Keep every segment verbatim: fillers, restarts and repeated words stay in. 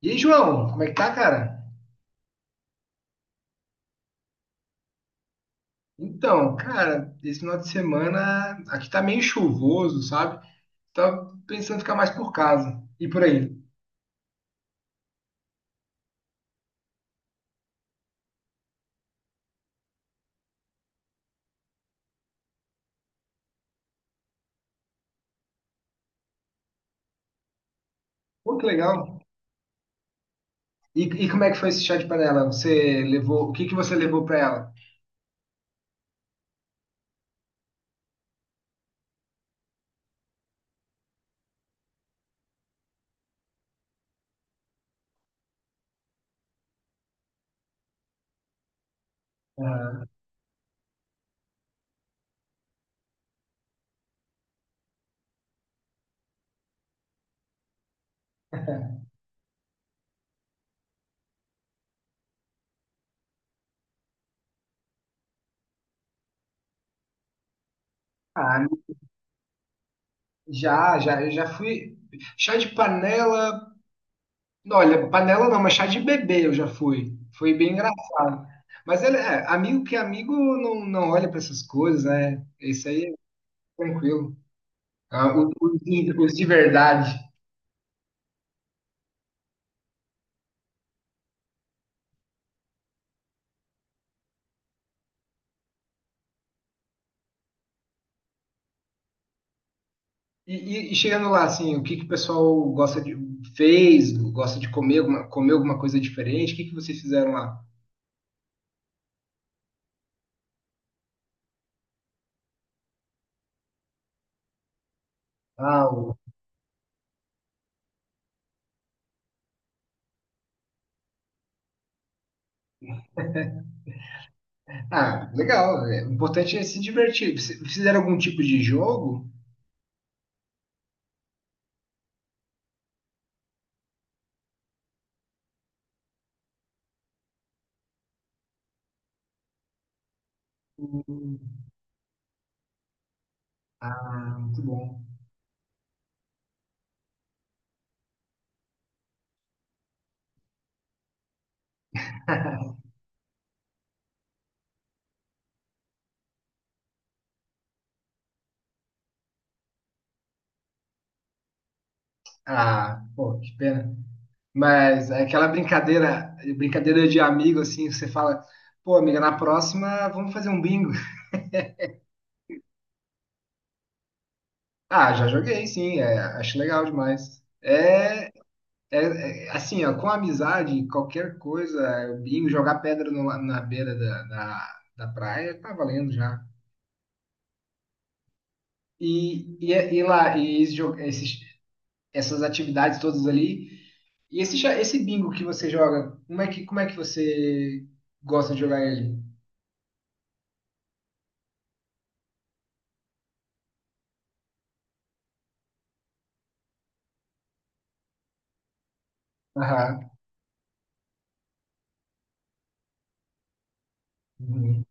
E aí, João, como é que tá, cara? Então, cara, esse final de semana aqui tá meio chuvoso, sabe? Tava pensando em ficar mais por casa e por aí. Pô, que legal. E, e como é que foi esse chá de panela? Você levou, o que que você levou pra ela? Ah, ah, já, já, eu já fui. Chá de panela, não, olha, panela não, mas chá de bebê eu já fui. Foi bem engraçado. Mas ele, é, amigo que é amigo não, não olha pra essas coisas, né? Isso aí é tranquilo. Ah, o- os, de- os de verdade. E, e- e chegando lá, assim, o que que o pessoal gosta de fez, gosta de comer alguma, comer alguma coisa diferente? O que que vocês fizeram lá? Ah, o- ah, legal. É, o importante é se divertir. Fiz- Fizeram algum tipo de jogo? Hum. Ah, muito bom. Ah, pô, que pena. Mas é aquela brincadeira, brincadeira de amigo, assim, você fala, pô, amiga, na próxima vamos fazer um bingo. Ah, já joguei, sim, é, acho legal demais. É. É, é, assim, ó, com amizade, qualquer coisa, bingo, jogar pedra no la- na beira da, da, da praia, tá valendo já. E, e, é- e lá, e esse jo- esses, essas atividades todas ali, e esse, cha- esse bingo que você joga, como é que, como é que você gosta de jogar ele? Aham. Uhum.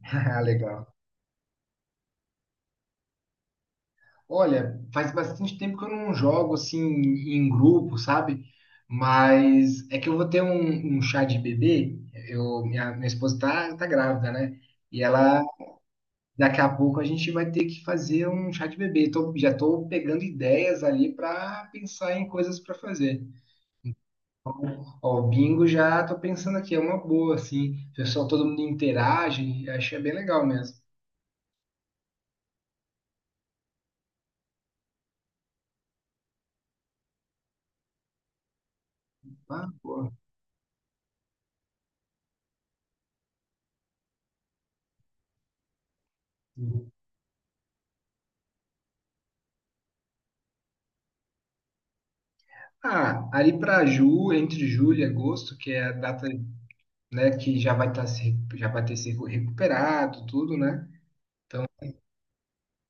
Ah, legal. Olha, faz bastante tempo que eu não jogo assim em grupo, sabe? Mas é que eu vou ter um, um chá de bebê. Eu, minha, minha esposa tá, tá grávida, né? E ela, daqui a pouco a gente vai ter que fazer um chá de bebê. Tô- já tô pegando ideias ali para pensar em coisas para fazer. Ó, o bingo já tô pensando aqui, é uma boa, assim. O pessoal, todo mundo interage, achei bem legal mesmo. Ah, boa. Ah, ali para Ju, entre julho e agosto, que é a data, né, que já vai estar se, já vai ter se recuperado, tudo, né?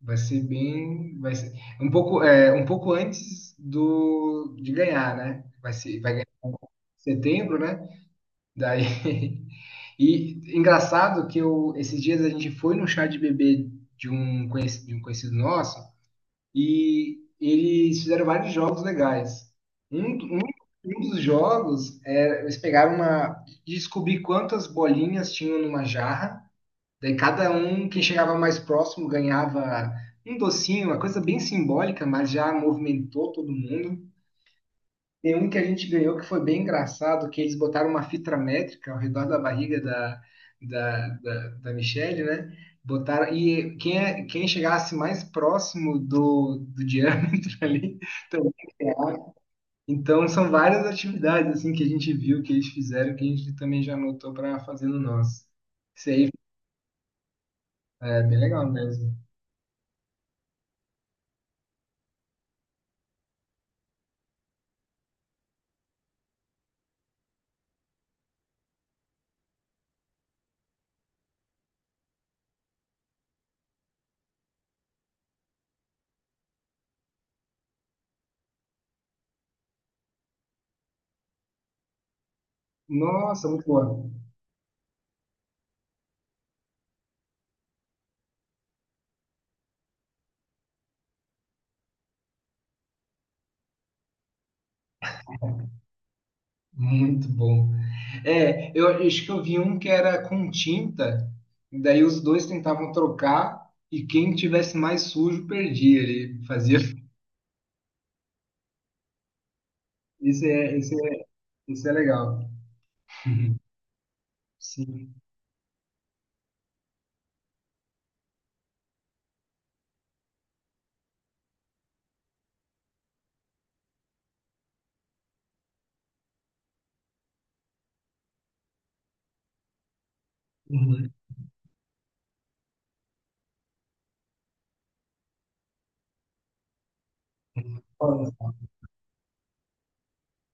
Vai ser bem, vai ser um pouco, é, um pouco antes do de ganhar, né? Vai ser, vai ganhar em setembro, né? Daí e engraçado que eu esses dias a gente foi no chá de bebê de um conhecido, de um conhecido nosso e eles fizeram vários jogos legais. Um, do- um, um dos jogos é, eles pegaram uma descobrir quantas bolinhas tinham numa jarra. Daí cada um, quem chegava mais próximo, ganhava um docinho, uma coisa bem simbólica, mas já movimentou todo mundo. Tem um que a gente ganhou que foi bem engraçado, que eles botaram uma fita métrica ao redor da barriga da, da, da, da Michelle, né? Botaram, e quem, é- quem chegasse mais próximo do, do diâmetro ali também ganhava. Então são várias atividades assim que a gente viu, que eles fizeram, que a gente também já anotou para fazer no nosso. Isso aí é bem legal mesmo. Nossa, muito boa. Muito bom. É, eu acho que eu vi um que era com tinta, e daí os dois tentavam trocar e quem tivesse mais sujo perdia. Ele fazia. Esse é, esse é, esse é legal. Uhum. Sim. Uhum. Olha, só.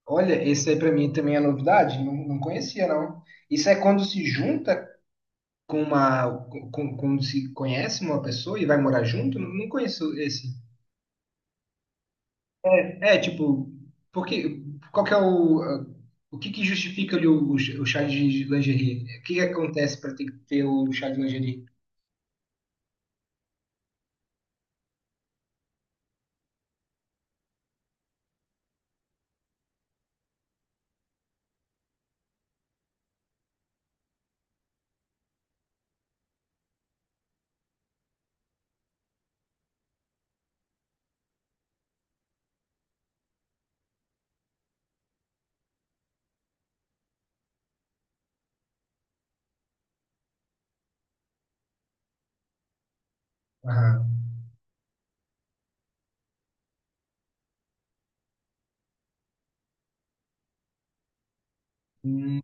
Olha, esse aí pra mim também é novidade, não, não conhecia não. Isso é quando se junta com uma, com, com- quando se conhece uma pessoa e vai morar junto? Não, não conheço esse. É, tipo, porque, qual que é o, o que que justifica ali o, o chá de lingerie? O que que acontece para ter que ter o chá de lingerie? Aham. Hum.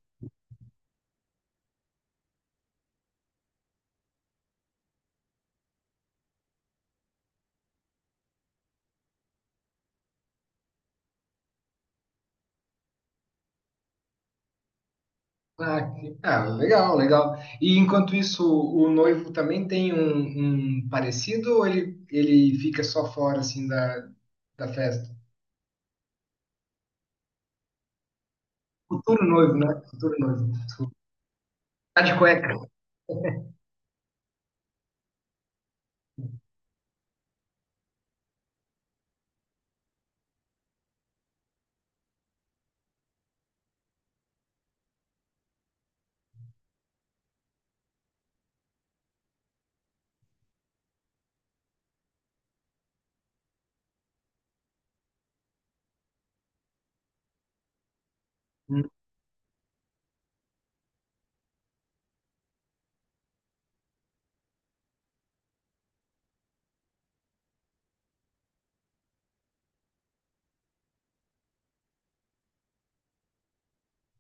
Ah, que- ah, legal, legal. E enquanto isso, o noivo também tem um, um parecido ou ele, ele fica só fora, assim, da, da festa? Futuro noivo, né? Futuro noivo. Tá de cueca.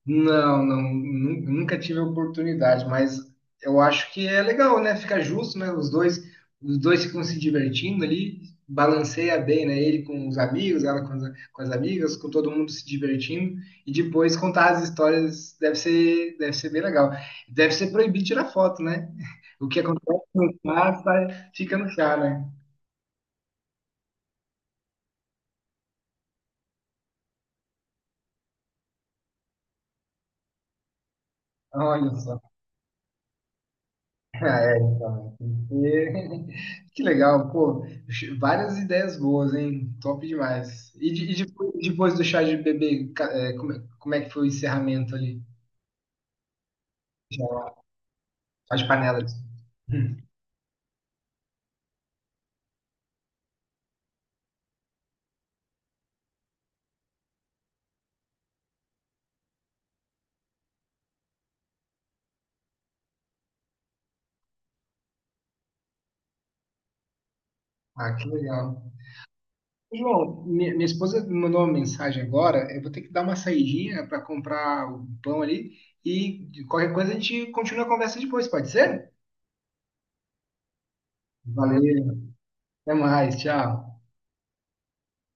Não, não, nu- nunca tive a oportunidade, mas eu acho que é legal, né? Fica justo, né? Os dois, os dois ficam se divertindo ali, balanceia bem, né? Ele com os amigos, ela com as, com as amigas, com todo mundo se divertindo, e depois contar as histórias deve ser, deve ser bem legal. Deve ser proibido tirar foto, né? O que acontece no mar sai- fica no chá, né? Olha só. Ah, é, então. E- Que legal, pô. Várias ideias boas, hein? Top demais. E, de- e depois, depois do chá de bebê, ca- é, como, é como é que foi o encerramento ali? Já, as panelas. Hum. Ah, que legal. João, mi- minha esposa me mandou uma mensagem agora. Eu vou ter que dar uma saidinha para comprar o pão ali. E de qualquer coisa a gente continua a conversa depois, pode ser? Valeu, até mais, tchau.